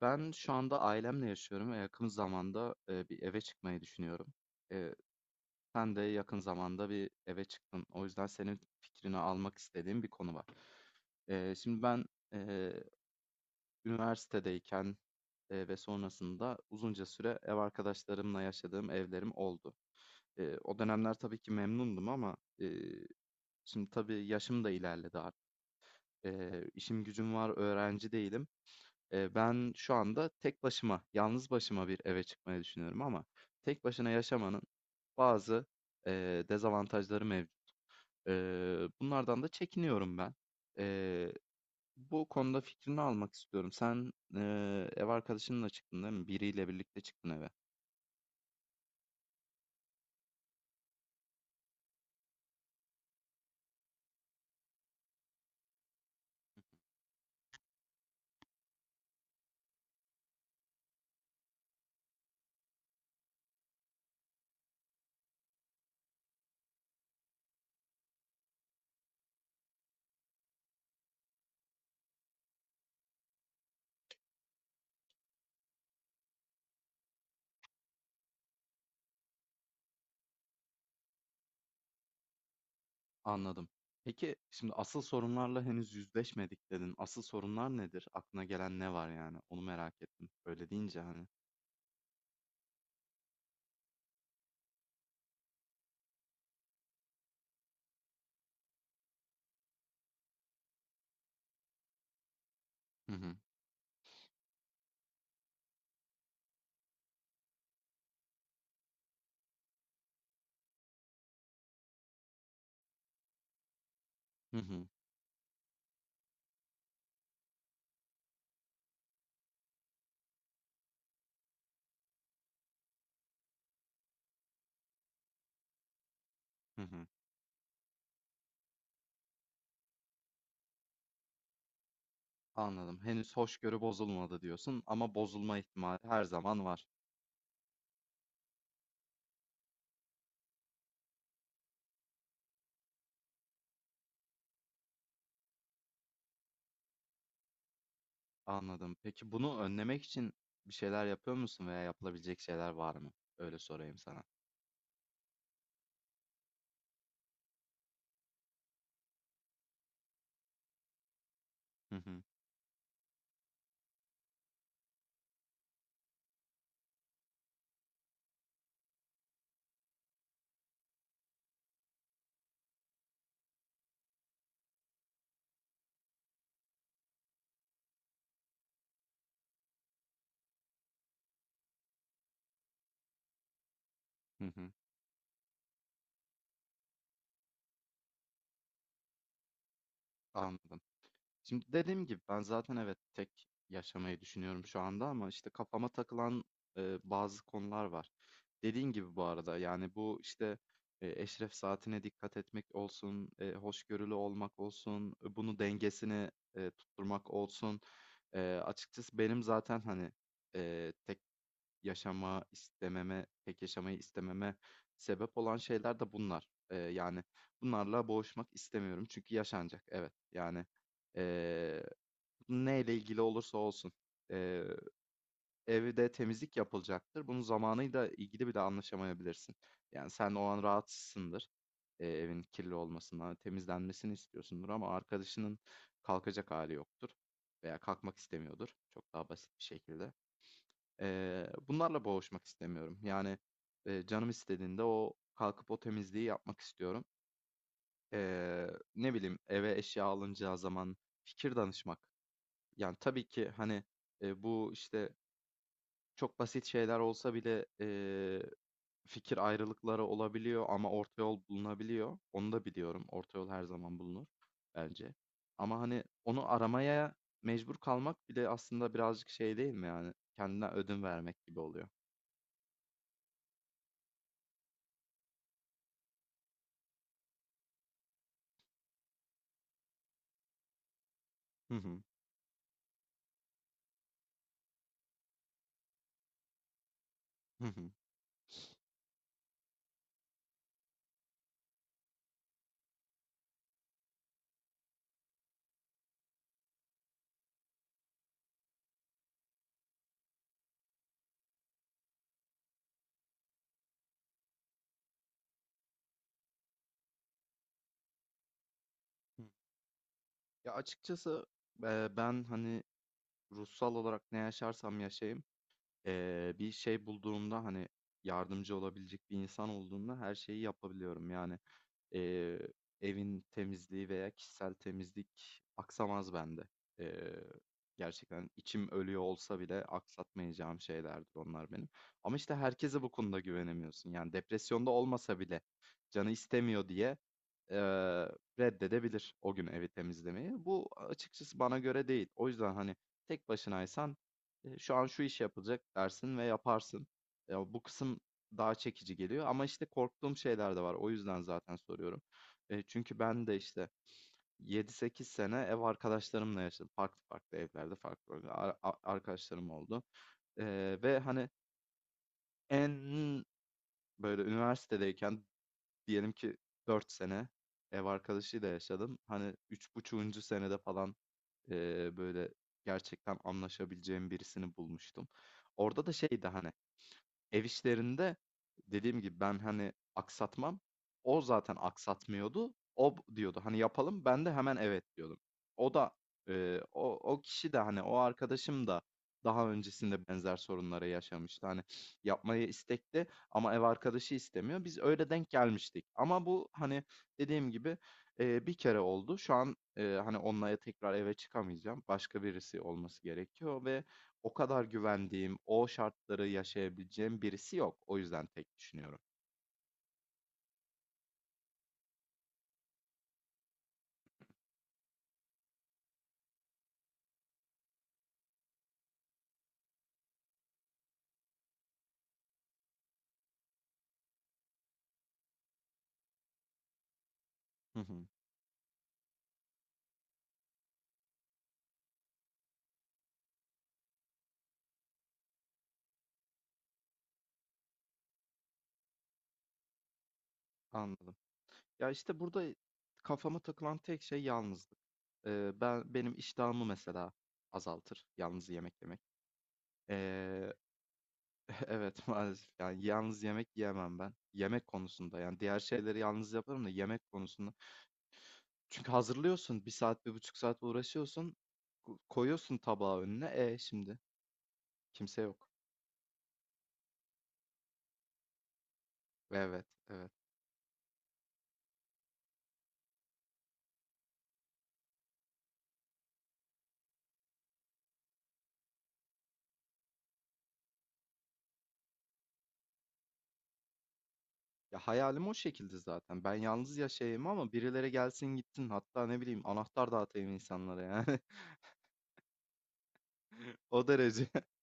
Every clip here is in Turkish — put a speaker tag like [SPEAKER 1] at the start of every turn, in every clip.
[SPEAKER 1] Ben şu anda ailemle yaşıyorum ve yakın zamanda bir eve çıkmayı düşünüyorum. E, Sen de yakın zamanda bir eve çıktın. O yüzden senin fikrini almak istediğim bir konu var. Şimdi ben e, üniversitedeyken ve sonrasında uzunca süre ev arkadaşlarımla yaşadığım evlerim oldu. O dönemler tabii ki memnundum ama şimdi tabii yaşım da ilerledi artık. İşim gücüm var, öğrenci değilim. Ben şu anda tek başıma, yalnız başıma bir eve çıkmayı düşünüyorum ama tek başına yaşamanın bazı dezavantajları mevcut. Bunlardan da çekiniyorum ben. Eee, Bu konuda fikrini almak istiyorum. Sen ev arkadaşınla çıktın, değil mi? Biriyle birlikte çıktın eve. Anladım. Peki şimdi asıl sorunlarla henüz yüzleşmedik, dedin. Asıl sorunlar nedir? Aklına gelen ne var, yani? Onu merak ettim, öyle deyince. Hani. Hı hı. Hı hı. Hı hı. Anladım. Henüz hoşgörü bozulmadı diyorsun ama bozulma ihtimali her zaman var. Anladım. Peki bunu önlemek için bir şeyler yapıyor musun veya yapılabilecek şeyler var mı? Öyle sorayım sana. Hı hı. Hı hı. Anladım. Şimdi dediğim gibi ben zaten evet tek yaşamayı düşünüyorum şu anda ama işte kafama takılan bazı konular var. Dediğin gibi bu arada, yani bu işte eşref saatine dikkat etmek olsun, hoşgörülü olmak olsun, bunu dengesini tutturmak olsun. E, Açıkçası benim zaten, hani, tek yaşama istememe, pek yaşamayı istememe sebep olan şeyler de bunlar. Yani bunlarla boğuşmak istemiyorum çünkü yaşanacak. Evet. Yani ee, neyle ilgili olursa olsun. Ee, Evde temizlik yapılacaktır. Bunun zamanıyla ilgili bile anlaşamayabilirsin. Yani sen o an rahatsızsındır. Evin kirli olmasından, temizlenmesini istiyorsundur ama arkadaşının kalkacak hali yoktur veya kalkmak istemiyordur. Çok daha basit bir şekilde. Bunlarla boğuşmak istemiyorum. Yani, canım istediğinde o kalkıp o temizliği yapmak istiyorum. Ne bileyim, eve eşya alınacağı zaman fikir danışmak. Yani, tabii ki, hani, bu, işte, çok basit şeyler olsa bile, fikir ayrılıkları olabiliyor ama orta yol bulunabiliyor. Onu da biliyorum. Orta yol her zaman bulunur bence. Ama, hani, onu aramaya mecbur kalmak bile aslında birazcık şey değil mi, yani? Kendine ödün vermek gibi oluyor. Hı hı. Hı hı. Hı. Ya açıkçası ben, hani, ruhsal olarak ne yaşarsam yaşayayım, bir şey bulduğumda, hani, yardımcı olabilecek bir insan olduğunda her şeyi yapabiliyorum. Yani eee, evin temizliği veya kişisel temizlik aksamaz bende. Eee, Gerçekten içim ölüyor olsa bile aksatmayacağım şeylerdir onlar benim. Ama işte herkese bu konuda güvenemiyorsun. Yani depresyonda olmasa bile canı istemiyor diye eee, reddedebilir o gün evi temizlemeyi. Bu açıkçası bana göre değil. O yüzden, hani, tek başınaysan şu an şu iş yapılacak dersin ve yaparsın. Ya bu kısım daha çekici geliyor ama işte korktuğum şeyler de var. O yüzden zaten soruyorum. Çünkü ben de işte yedi sekiz sene ev arkadaşlarımla yaşadım. Farklı farklı evlerde farklı farklı arkadaşlarım oldu. Ve, hani, en böyle üniversitedeyken, diyelim ki, 4 sene ev arkadaşıyla yaşadım. Hani 3,5. Senede falan böyle gerçekten anlaşabileceğim birisini bulmuştum. Orada da şeydi, hani ev işlerinde dediğim gibi ben, hani, aksatmam. O zaten aksatmıyordu. O diyordu, hani, "Yapalım." Ben de hemen, "Evet." diyordum. O da, o kişi de, hani, o arkadaşım da daha öncesinde benzer sorunları yaşamıştı. Hani, yapmaya istekli ama ev arkadaşı istemiyor. Biz öyle denk gelmiştik ama bu, hani, dediğim gibi, bir kere oldu. Şu an, hani, onunla tekrar eve çıkamayacağım. Başka birisi olması gerekiyor ve o kadar güvendiğim, o şartları yaşayabileceğim birisi yok. O yüzden tek düşünüyorum. Hı hı. Anladım. Ya işte burada kafama takılan tek şey yalnızlık. Ben, benim iştahımı mesela, azaltır yalnız yemek yemek. Ee, evet, maalesef, yani yalnız yemek yiyemem ben. Yemek konusunda, yani diğer şeyleri yalnız yaparım da yemek konusunda. Çünkü hazırlıyorsun, bir saat bir buçuk saat uğraşıyorsun, koyuyorsun tabağı önüne, şimdi kimse yok. Evet, evet. Ya hayalim o şekilde zaten. Ben yalnız yaşayayım ama birileri gelsin gitsin. Hatta ne bileyim, anahtar dağıtayım insanlara, yani. O derece.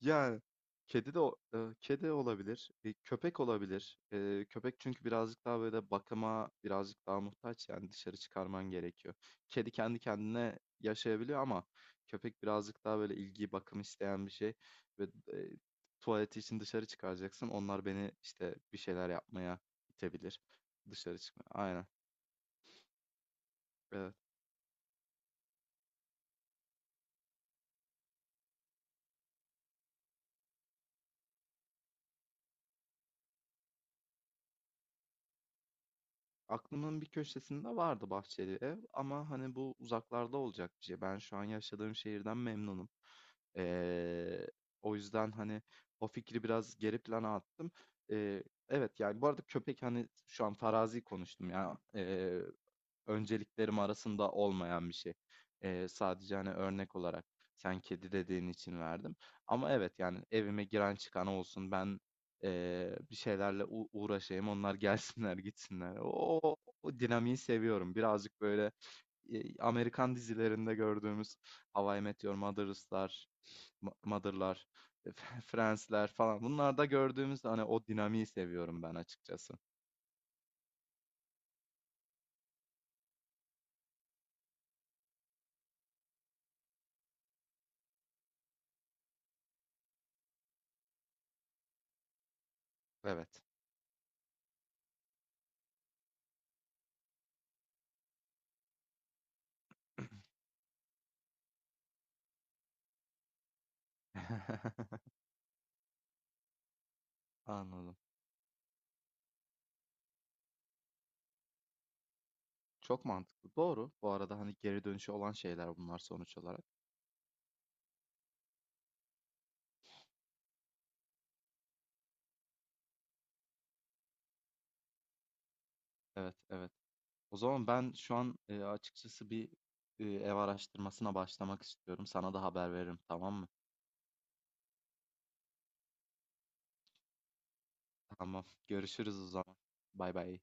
[SPEAKER 1] Yani kedi de kedi olabilir. Köpek olabilir. Köpek, çünkü birazcık daha böyle bakıma birazcık daha muhtaç, yani dışarı çıkarman gerekiyor. Kedi kendi kendine yaşayabiliyor ama köpek birazcık daha böyle ilgi, bakım isteyen bir şey ve tuvaleti için dışarı çıkaracaksın. Onlar beni işte bir şeyler yapmaya itebilir. Dışarı çıkma. Aynen. Evet. Aklımın bir köşesinde vardı bahçeli ev ama, hani, bu uzaklarda olacak bir şey. Ben şu an yaşadığım şehirden memnunum. Ee, O yüzden, hani, o fikri biraz geri plana attım. Ee, evet, yani bu arada köpek, hani, şu an farazi konuştum ya. Önceliklerim arasında olmayan bir şey. Sadece, hani, örnek olarak sen kedi dediğin için verdim. Ama evet, yani evime giren çıkan olsun, ben bir şeylerle uğraşayım, onlar gelsinler gitsinler. O dinamiği seviyorum. Birazcık böyle Amerikan dizilerinde gördüğümüz How I Met Your Mother'lar, Mother'lar, e, Friends'ler falan. Bunlarda gördüğümüz, hani, o dinamiği seviyorum ben açıkçası. Evet. Anladım. Çok mantıklı. Doğru. Bu arada, hani, geri dönüşü olan şeyler bunlar sonuç olarak. Evet, evet. O zaman ben şu an açıkçası bir ev araştırmasına başlamak istiyorum. Sana da haber veririm, tamam mı? Tamam. Görüşürüz o zaman. Bay bay.